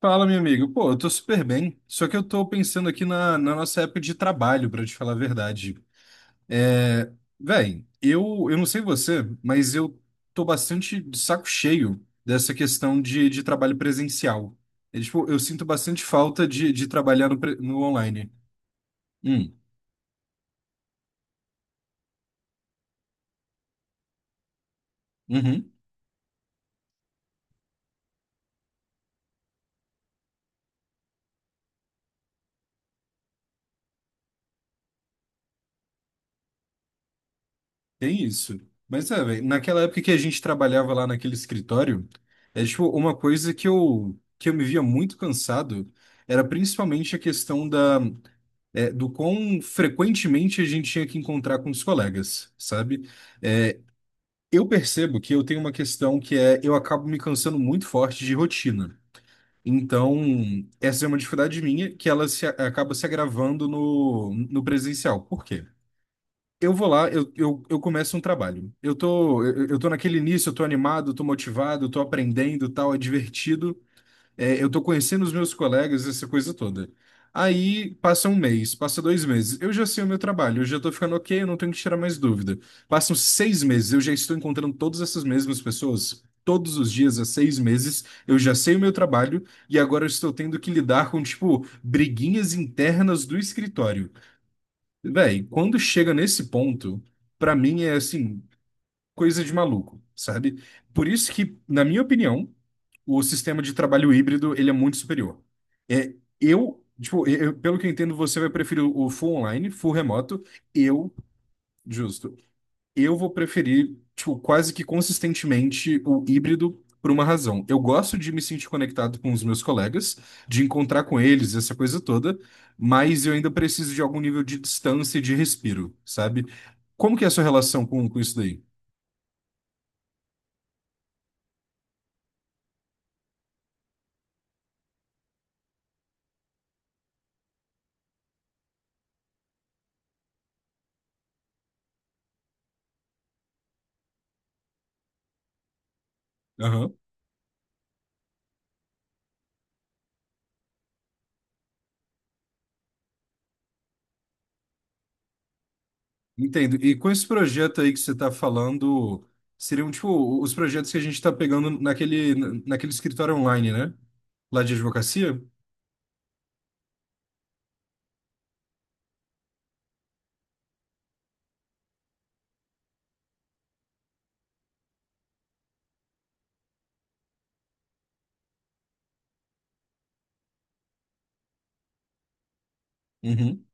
Fala, meu amigo. Pô, eu tô super bem. Só que eu tô pensando aqui na nossa época de trabalho, pra te falar a verdade. É, véi, eu não sei você, mas eu tô bastante de saco cheio dessa questão de trabalho presencial. É, tipo, eu sinto bastante falta de trabalhar no online. Hum. Uhum. Tem isso. Mas é, véi, naquela época que a gente trabalhava lá naquele escritório, é tipo, uma coisa que que eu me via muito cansado era principalmente a questão da do quão frequentemente a gente tinha que encontrar com os colegas, sabe? É, eu percebo que eu tenho uma questão que é eu acabo me cansando muito forte de rotina. Então, essa é uma dificuldade minha que ela se, acaba se agravando no presencial. Por quê? Eu vou lá, eu começo um trabalho. Eu tô naquele início, eu tô animado, eu tô motivado, eu tô aprendendo, tal, é divertido. É, eu tô conhecendo os meus colegas, essa coisa toda. Aí passa um mês, passa 2 meses. Eu já sei o meu trabalho, eu já tô ficando ok, eu não tenho que tirar mais dúvida. Passam 6 meses, eu já estou encontrando todas essas mesmas pessoas. Todos os dias, há 6 meses, eu já sei o meu trabalho e agora eu estou tendo que lidar com, tipo, briguinhas internas do escritório. Véi, quando chega nesse ponto, pra mim é assim, coisa de maluco, sabe? Por isso que, na minha opinião, o sistema de trabalho híbrido, ele é muito superior. É, tipo, pelo que eu entendo, você vai preferir o full online, full remoto. Eu, justo, eu vou preferir, tipo, quase que consistentemente o híbrido por uma razão. Eu gosto de me sentir conectado com os meus colegas, de encontrar com eles, essa coisa toda, mas eu ainda preciso de algum nível de distância e de respiro, sabe? Como que é a sua relação com isso daí? Entendo. E com esse projeto aí que você está falando, seriam tipo os projetos que a gente está pegando naquele escritório online, né? Lá de advocacia? Uhum.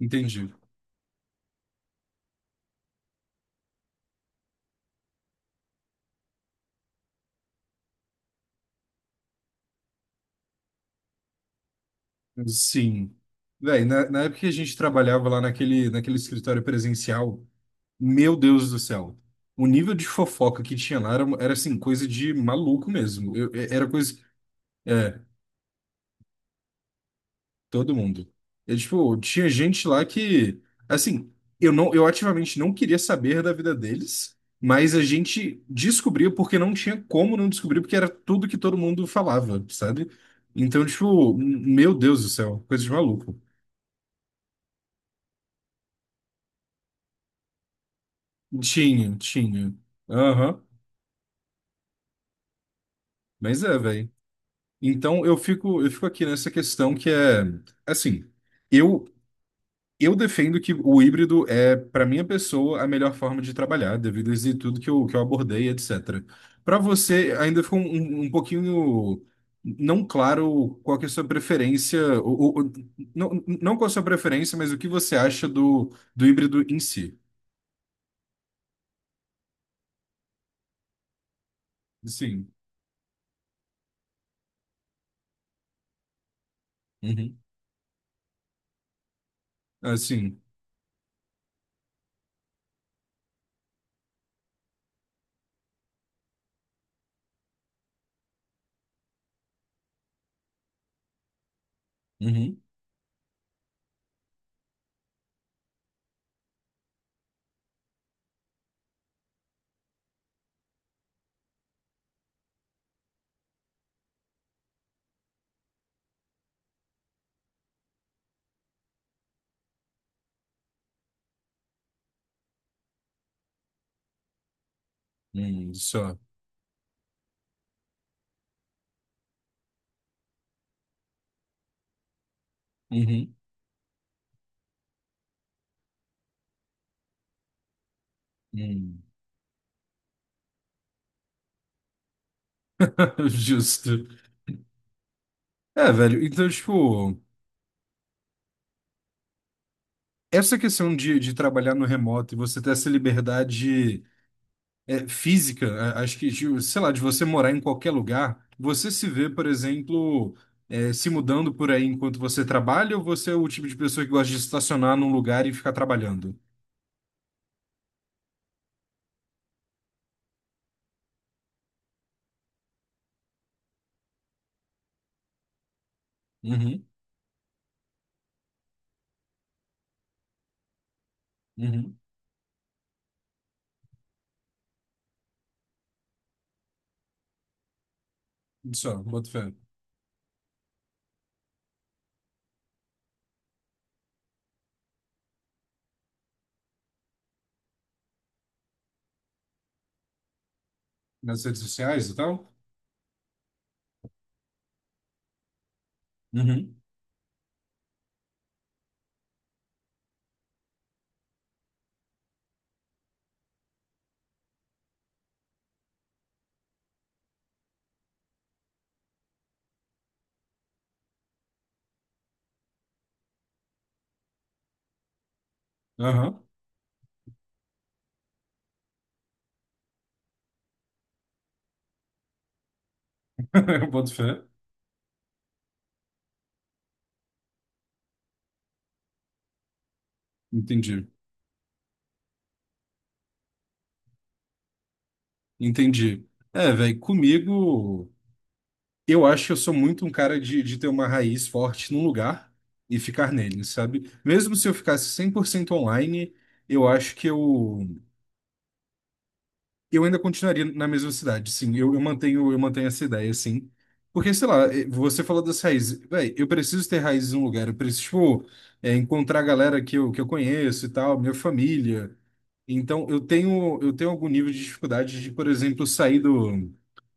Entendi. Sim. Véi, na época que a gente trabalhava lá naquele escritório presencial, meu Deus do céu. O nível de fofoca que tinha lá era assim, coisa de maluco mesmo. Era coisa. É, todo mundo. Tipo, tinha gente lá que. Assim, eu não, eu ativamente não queria saber da vida deles, mas a gente descobria porque não tinha como não descobrir, porque era tudo que todo mundo falava, sabe? Então, tipo, meu Deus do céu, coisa de maluco. Tinha, tinha. Aham. Mas é, velho. Então eu fico aqui nessa questão que é assim, eu eu defendo que o híbrido é, para minha pessoa, a melhor forma de trabalhar, devido a isso e tudo que que eu abordei, etc. Para você, ainda ficou um pouquinho não claro qual que é a sua preferência, não, não qual a sua preferência, mas o que você acha do híbrido em si. Sim. Uhum. Assim. Uhum. Só. Uhum. Hum. Justo. É, velho, então, tipo, essa questão de trabalhar no remoto e você ter essa liberdade é, física, acho que, de, sei lá, de você morar em qualquer lugar, você se vê, por exemplo, se mudando por aí enquanto você trabalha, ou você é o tipo de pessoa que gosta de estacionar num lugar e ficar trabalhando? Uhum, uhum. Só, boto fé. Nas redes sociais e tal? Uhum, aham, boto fé. Entendi, entendi. É, velho, comigo. Eu acho que eu sou muito um cara de ter uma raiz forte num lugar e ficar nele, sabe? Mesmo se eu ficasse 100% online, eu acho que eu ainda continuaria na mesma cidade, sim. Eu mantenho essa ideia, sim. Porque, sei lá, você falou das raízes. Véi, eu preciso ter raízes num lugar, eu preciso, tipo, encontrar a galera que que eu conheço e tal, minha família. Então, eu tenho algum nível de dificuldade de, por exemplo, sair do,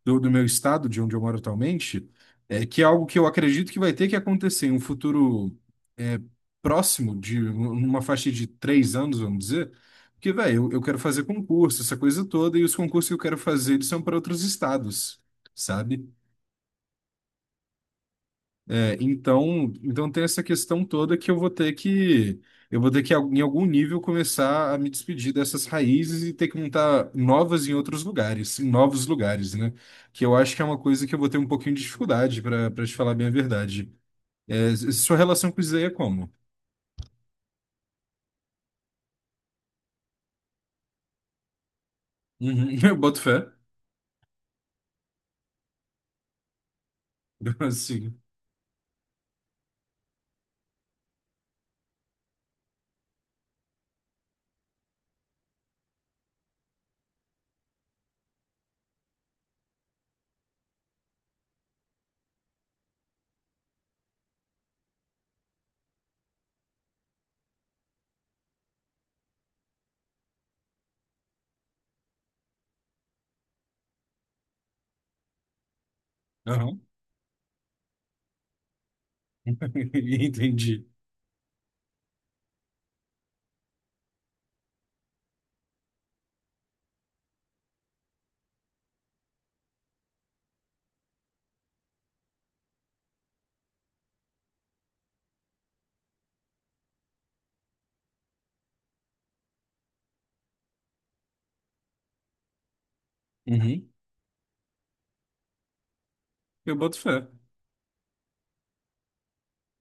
do, do meu estado, de onde eu moro atualmente, que é algo que eu acredito que vai ter que acontecer em um futuro é, próximo, de uma faixa de 3 anos, vamos dizer, porque, velho, eu quero fazer concurso, essa coisa toda, e os concursos que eu quero fazer, eles são para outros estados, sabe? É, então tem essa questão toda que eu vou ter que em algum nível começar a me despedir dessas raízes e ter que montar novas em outros lugares, em novos lugares, né? Que eu acho que é uma coisa que eu vou ter um pouquinho de dificuldade para te falar bem a verdade. É, sua relação com isso aí é como? Uhum, eu boto fé. Assim. Aham. Entendi. Uhum, eu boto fé.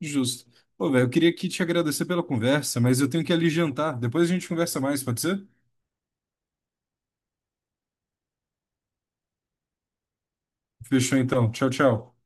Justo. Pô, velho, eu queria aqui te agradecer pela conversa, mas eu tenho que ali jantar. Depois a gente conversa mais, pode ser? Fechou então. Tchau, tchau.